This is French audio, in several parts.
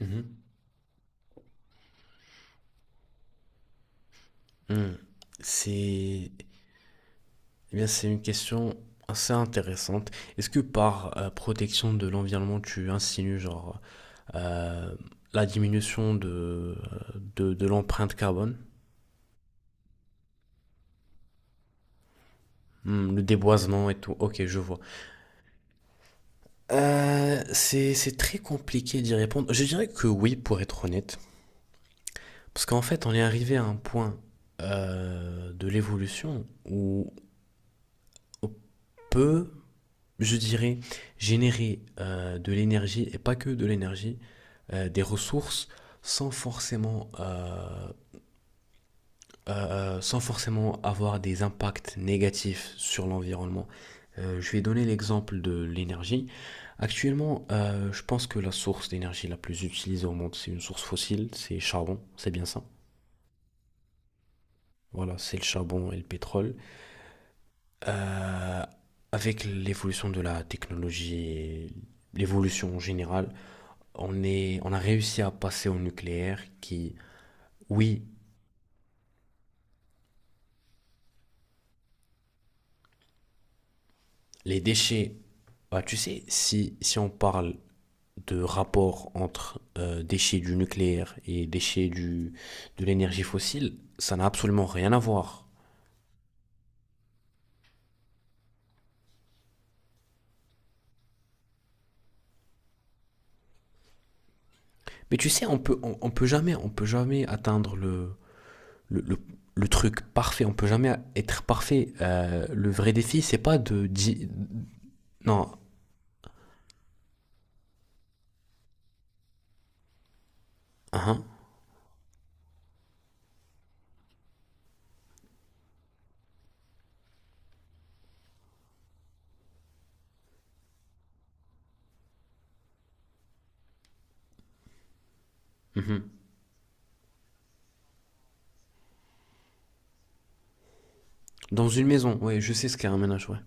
Mhm. Hmm. C'est c'est une question assez intéressante. Est-ce que par protection de l'environnement, tu insinues genre euh, la diminution de l'empreinte carbone? Hmm, le déboisement et tout. Ok, je vois. C'est très compliqué d'y répondre. Je dirais que oui, pour être honnête. Parce qu'en fait, on est arrivé à un point de l'évolution où on peut, je dirais, générer de l'énergie, et pas que de l'énergie, des ressources sans sans forcément avoir des impacts négatifs sur l'environnement. Je vais donner l'exemple de l'énergie. Actuellement, je pense que la source d'énergie la plus utilisée au monde, c'est une source fossile, c'est charbon, c'est bien ça. Voilà, c'est le charbon et le pétrole. Euh, avec l'évolution de la technologie et l'évolution en général, on a réussi à passer au nucléaire qui, oui, les déchets, bah, tu sais, si on parle de rapport entre déchets du nucléaire et déchets de l'énergie fossile, ça n'a absolument rien à voir. Mais tu sais, on peut jamais atteindre le, le, le truc parfait. On peut jamais être parfait. Le vrai défi, c'est pas de di- non, hein, mhm. Dans une maison, ouais, je sais ce qu'est un ménage, ouais.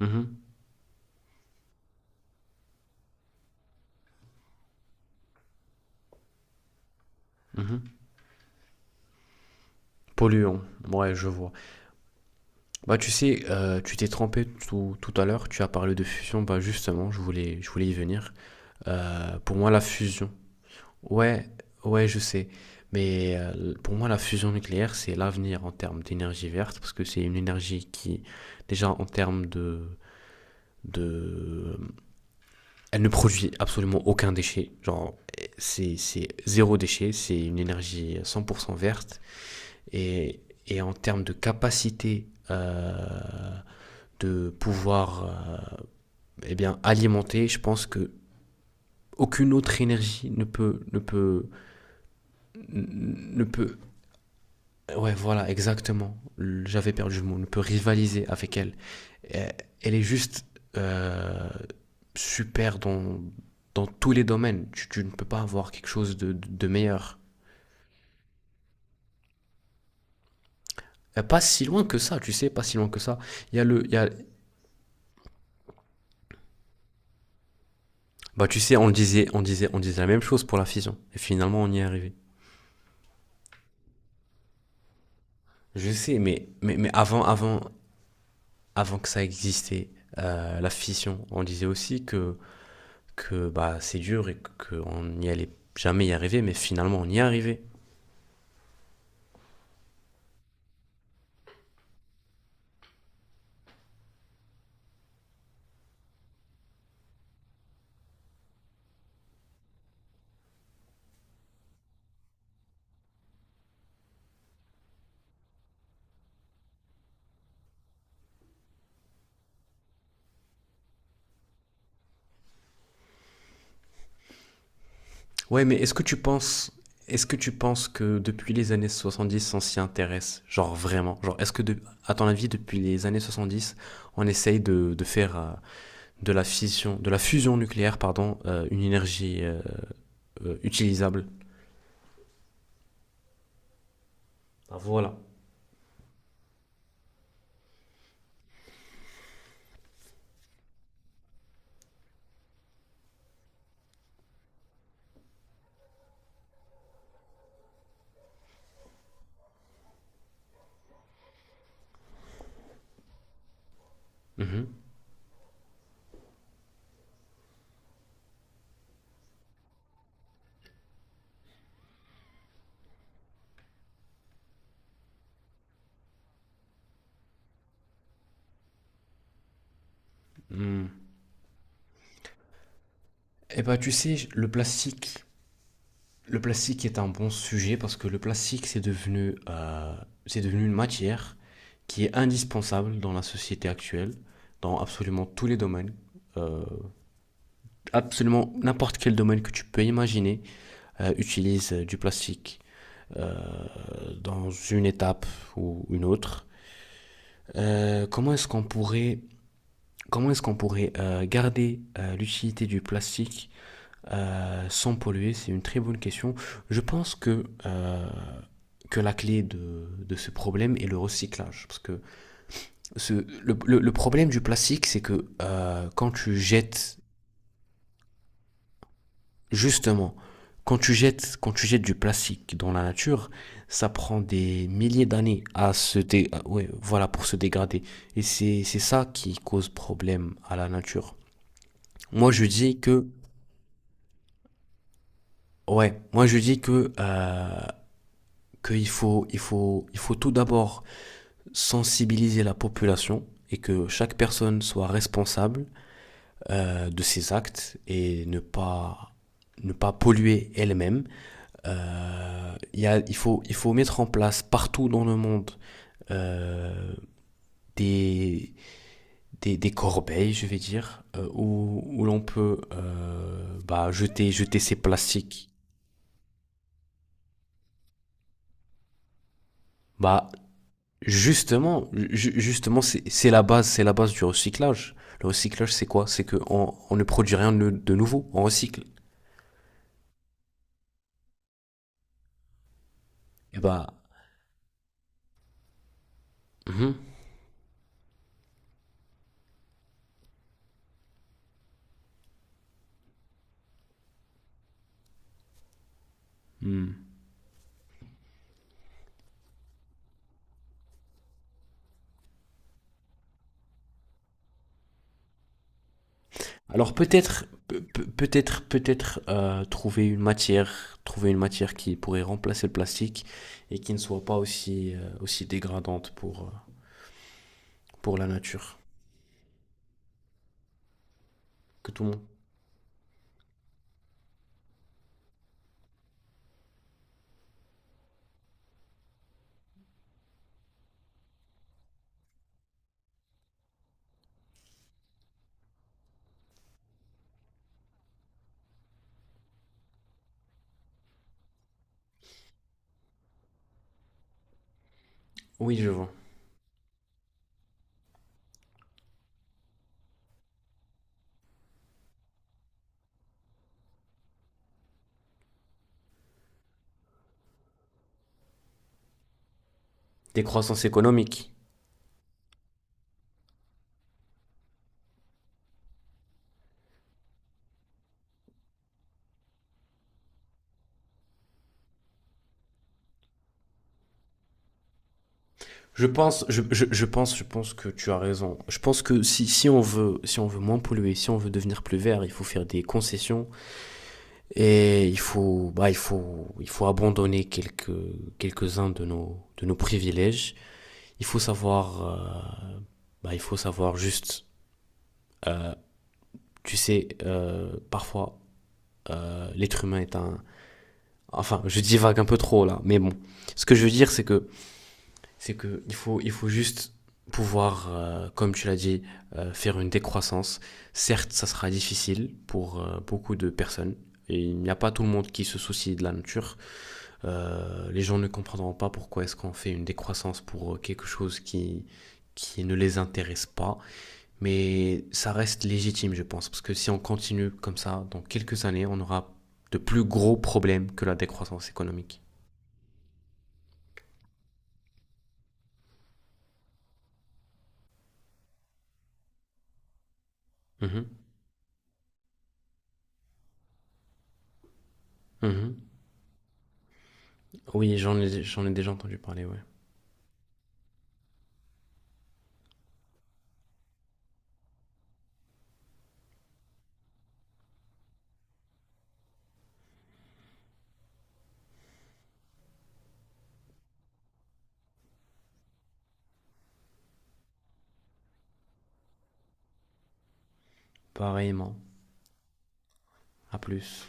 Mhm, mhm. Polluant, ouais, je vois. Bah, tu sais, tu t'es trompé tout à l'heure, tu as parlé de fusion, bah justement, je voulais y venir. Pour moi, la fusion, ouais, ouais, je sais, mais pour moi, la fusion nucléaire, c'est l'avenir en termes d'énergie verte, parce que c'est une énergie qui, déjà, en termes de, elle ne produit absolument aucun déchet, genre, c'est zéro déchet, c'est une énergie 100% verte, et, et en termes de capacité de pouvoir eh bien, alimenter, je pense que aucune autre énergie ne peut, ouais, voilà, exactement. J'avais perdu le mot, ne peut rivaliser avec elle. Elle est juste euh, super dans tous les domaines. Tu ne peux pas avoir quelque chose de meilleur. Pas si loin que ça, tu sais, pas si loin que ça. Il y a le, il y a, Bah tu sais, on le disait, on disait, on disait la même chose pour la fission. Et finalement, on y est arrivé. Je sais, mais avant, avant que ça existait, la fission, on disait aussi que bah, c'est dur et qu'on n'y allait jamais y arriver, mais finalement, on y est arrivé. Ouais, mais est-ce que tu penses que depuis les années 70, on s'y intéresse? Genre vraiment? Genre, à ton avis, depuis les années 70, on essaye de faire de la fission, de la fusion nucléaire, pardon, une énergie utilisables. Ah, voilà. Et ben tu sais, le plastique est un bon sujet parce que le plastique c'est devenu une matière qui est indispensable dans la société actuelle, dans absolument tous les domaines. Euh, absolument n'importe quel domaine que tu peux imaginer utilise du plastique euh, dans une étape ou une autre. Euh, comment est-ce qu'on pourrait, comment est-ce qu'on pourrait garder l'utilité du plastique sans polluer? C'est une très bonne question. Je pense que la clé de ce problème est le recyclage. Parce que ce, le problème du plastique, c'est que quand tu jettes, justement, quand tu jettes du plastique dans la nature, ça prend des milliers d'années à se dé- à- ouais, voilà, pour se dégrader. Et c'est ça qui cause problème à la nature. Moi, je dis que, ouais, moi, je dis qu'il faut, il faut, il faut tout d'abord sensibiliser la population et que chaque personne soit responsable de ses actes et ne pas polluer elle-même. Il y a- il faut mettre en place partout dans le monde euh, des, des corbeilles, je vais dire, où l'on peut bah, jeter ses plastiques. Bah, Justement, justement, c'est la base du recyclage. Le recyclage, c'est quoi? C'est que on ne produit rien de nouveau, on recycle. Et bah, mhm, mhm. Alors peut-être, pe- pe- peut-être, peut-être trouver une matière qui pourrait remplacer le plastique et qui ne soit pas aussi dégradante pour la nature que tout le monde. Oui, je vois. Décroissance économique. Je pense que tu as raison. Je pense que si on veut moins polluer, si on veut devenir plus vert, il faut faire des concessions et il faut, bah, il faut abandonner quelques, quelques-uns de nos privilèges. Il faut savoir, euh, il faut savoir juste, tu sais, parfois, l'être humain est un, enfin, je divague un peu trop là, mais bon. Ce que je veux dire, c'est que il faut juste pouvoir, comme tu l'as dit, faire une décroissance. Certes, ça sera difficile pour beaucoup de personnes. Et il n'y a pas tout le monde qui se soucie de la nature. Les gens ne comprendront pas pourquoi est-ce qu'on fait une décroissance pour quelque chose qui ne les intéresse pas. Mais ça reste légitime, je pense, parce que si on continue comme ça, dans quelques années, on aura de plus gros problèmes que la décroissance économique. Mhm, mhm. Oui, j'en ai déjà entendu parler, ouais. Pareillement. À plus.